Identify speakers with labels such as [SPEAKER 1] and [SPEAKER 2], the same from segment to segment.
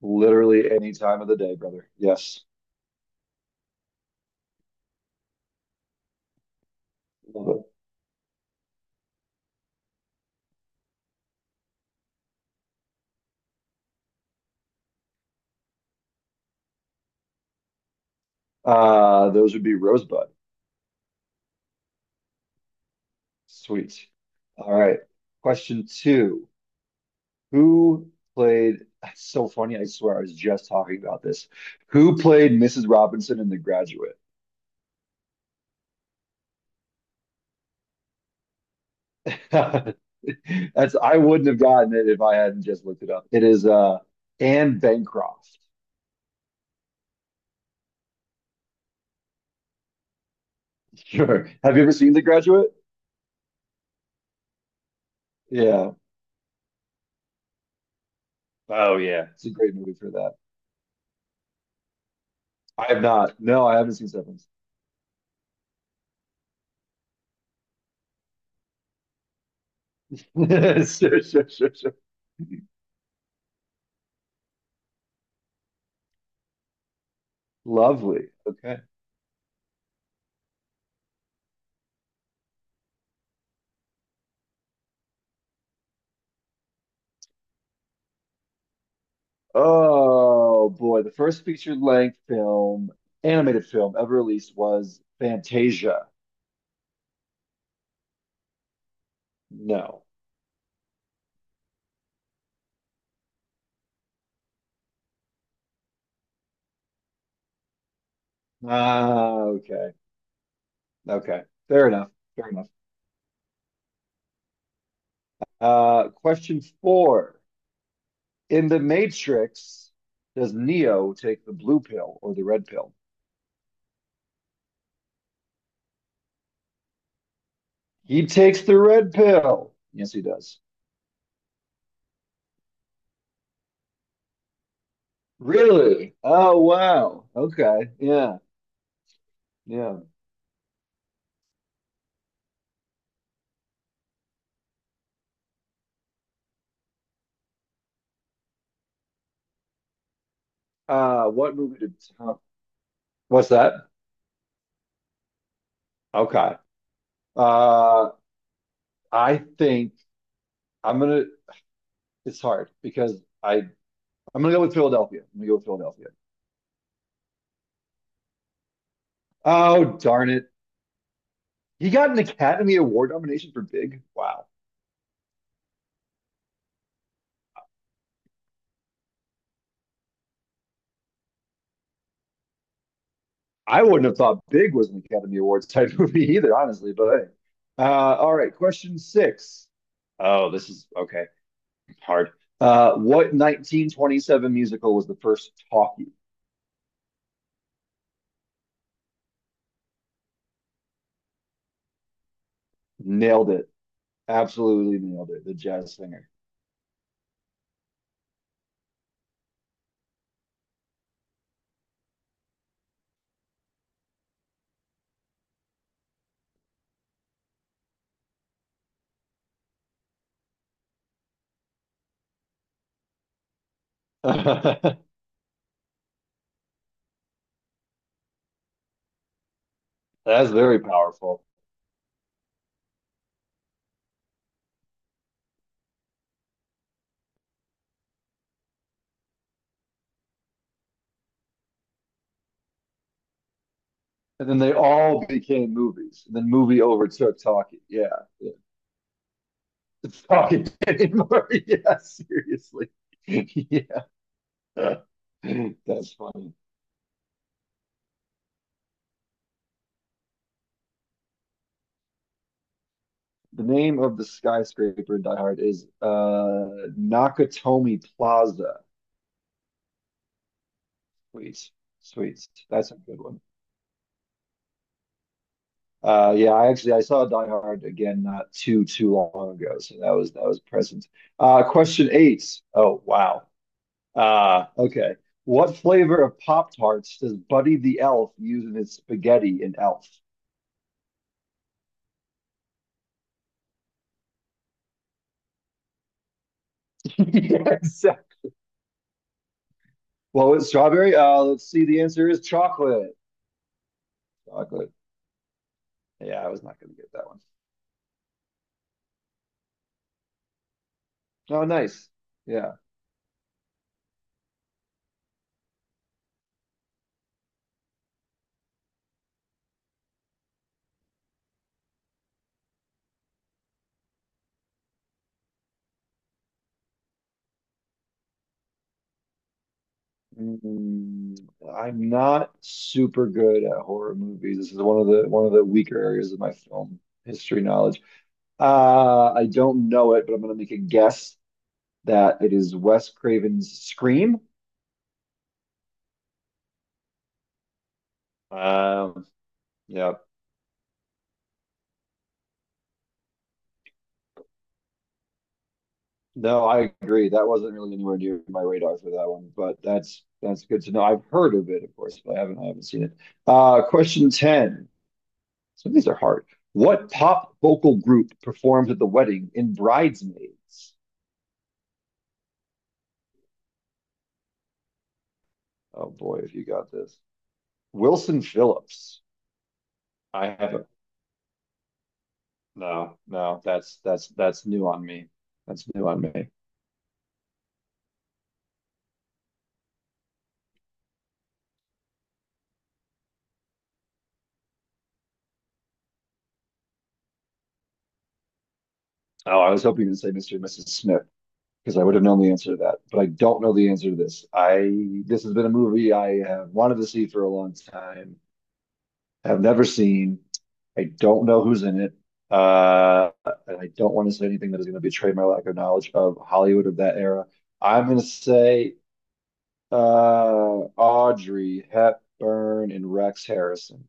[SPEAKER 1] Literally any time of the day, brother. Yes. Love it. Those would be Rosebud. Sweet. All right. Question two. Who that's so funny, I swear I was just talking about this. Who played Mrs. Robinson in The Graduate? That's, I wouldn't have gotten it if I hadn't just looked it up. It is Anne Bancroft. Sure. Have you ever seen The Graduate? Yeah. Oh yeah. It's a great movie for that. I have not. No, I haven't seen Severance. Sure, sure, sure, sure. Lovely. Okay. Oh boy, the first feature-length film, animated film ever released was Fantasia. No. Ah, okay. Okay. Fair enough. Fair enough. Question four. In The Matrix, does Neo take the blue pill or the red pill? He takes the red pill. Yes, he does. Really? Oh, wow. Okay. Yeah. Yeah. What movie did Tom— What's that? Okay. Uh, I think I'm gonna. It's hard because I'm gonna go with Philadelphia. Oh darn it! He got an Academy Award nomination for Big. Wow. I wouldn't have thought Big was an Academy Awards type movie either, honestly. But hey. Uh, all right, question six. Oh, this is okay. Hard. What 1927 musical was the first talkie? Nailed it. Absolutely nailed it. The Jazz Singer. That's very powerful. And then they all became movies. And then movie overtook talkie. Yeah. Yeah. It's talkie anymore. Yeah, seriously. Yeah. That's funny. The name of the skyscraper in Die Hard is Nakatomi Plaza. Sweet. Sweet. That's a good one. Yeah, I actually I saw Die Hard again not too long ago, so that was present. Question eight. Oh wow. Okay. What flavor of Pop Tarts does Buddy the Elf use in his spaghetti in Elf? Yes. Well, it's strawberry. Let's see. The answer is chocolate. Chocolate. Yeah, I was not going to get that one. Oh, nice. Yeah. Mm, I'm not super good at horror movies. This is one of the weaker areas of my film history knowledge. I don't know it, but I'm going to make a guess that it is Wes Craven's Scream. Um, yeah. No, I agree. That wasn't really anywhere near my radar for that one, but that's good to know. I've heard of it, of course, but I haven't seen it. Question 10. Some of these are hard. What pop vocal group performed at the wedding in Bridesmaids? Oh boy, if you got this. Wilson Phillips. I haven't. No, no, that's that's new on me. That's new on me. Oh, I was hoping to say Mr. and Mrs. Smith, because I would have known the answer to that. But I don't know the answer to this. I this has been a movie I have wanted to see for a long time. Have never seen. I don't know who's in it. Uh, and I don't want to say anything that is going to betray my lack of knowledge of Hollywood of that era. I'm going to say uh, Audrey Hepburn and Rex Harrison.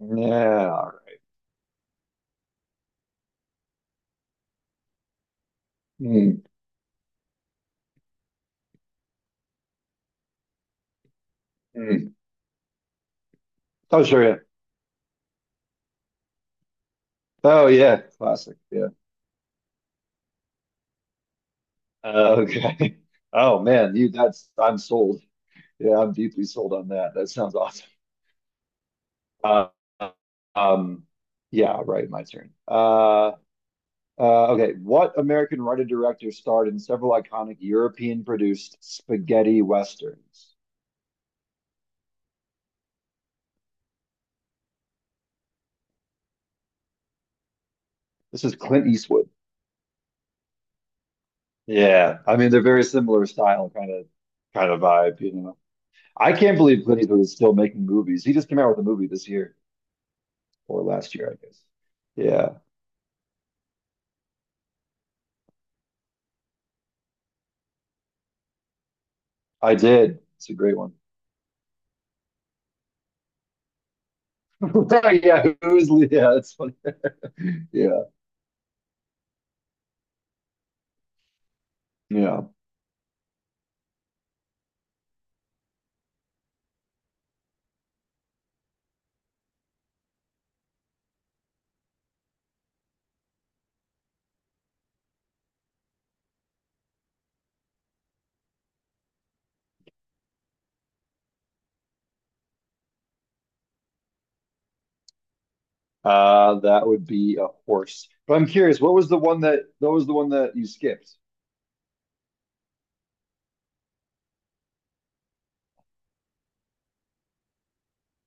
[SPEAKER 1] Yeah. Hmm. Hmm. Oh, sure. Yeah. Oh, yeah. Classic. Yeah. Okay. Oh, man. That's, I'm sold. Yeah, I'm deeply sold on that. That sounds awesome. Uh, um, yeah, right. My turn. Okay. What American writer director starred in several iconic European produced spaghetti westerns? This is Clint Eastwood. Yeah, I mean they're very similar style, kind of vibe. You know, I can't believe Clint Eastwood is still making movies. He just came out with a movie this year or last year, I guess. Yeah, I did. It's a great one. Yeah? That's funny. Yeah, yeah. That would be a horse. But I'm curious, what was the one that you skipped?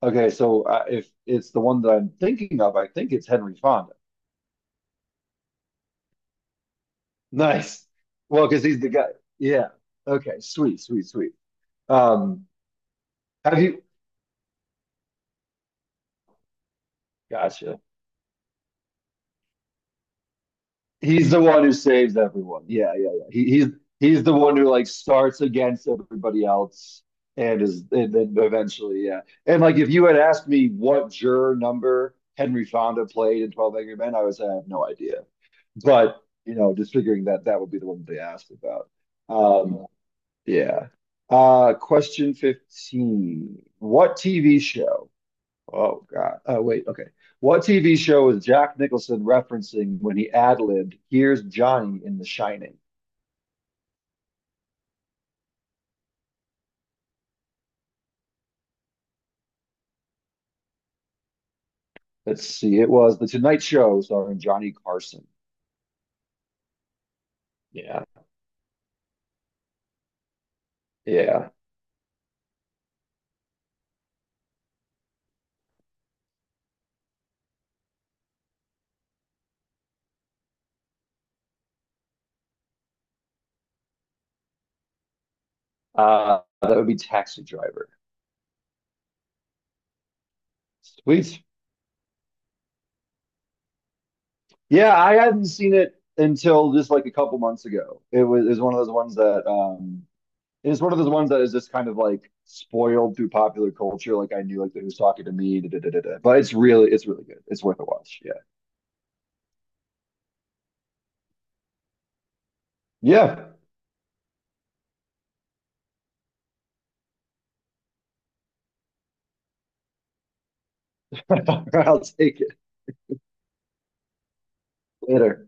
[SPEAKER 1] Okay, so if it's the one that I'm thinking of, I think it's Henry Fonda. Nice. Well, because he's the guy. Yeah. Okay. Sweet. Sweet. Sweet. Um, have you? Gotcha. He's the one who saves everyone. Yeah, yeah, yeah. He's the one who like starts against everybody else and is and then eventually, yeah. And like if you had asked me what juror number Henry Fonda played in Twelve Angry Men, I would say I have no idea. But you know, just figuring that that would be the one they asked about. Um, yeah. Question 15. What TV show Oh God. Oh wait. Okay. What TV show is Jack Nicholson referencing when he ad-libbed "Here's Johnny" in The Shining? Let's see. It was The Tonight Show starring Johnny Carson. Yeah. Yeah. That would be Taxi Driver. Sweet. Yeah, I hadn't seen it until just like a couple months ago. It was one of those ones that it's one of those ones that is just kind of like spoiled through popular culture. Like I knew like who's talking to me, da, da, da, da, da. But it's really good. It's worth a watch. Yeah. Yeah. I'll take it later.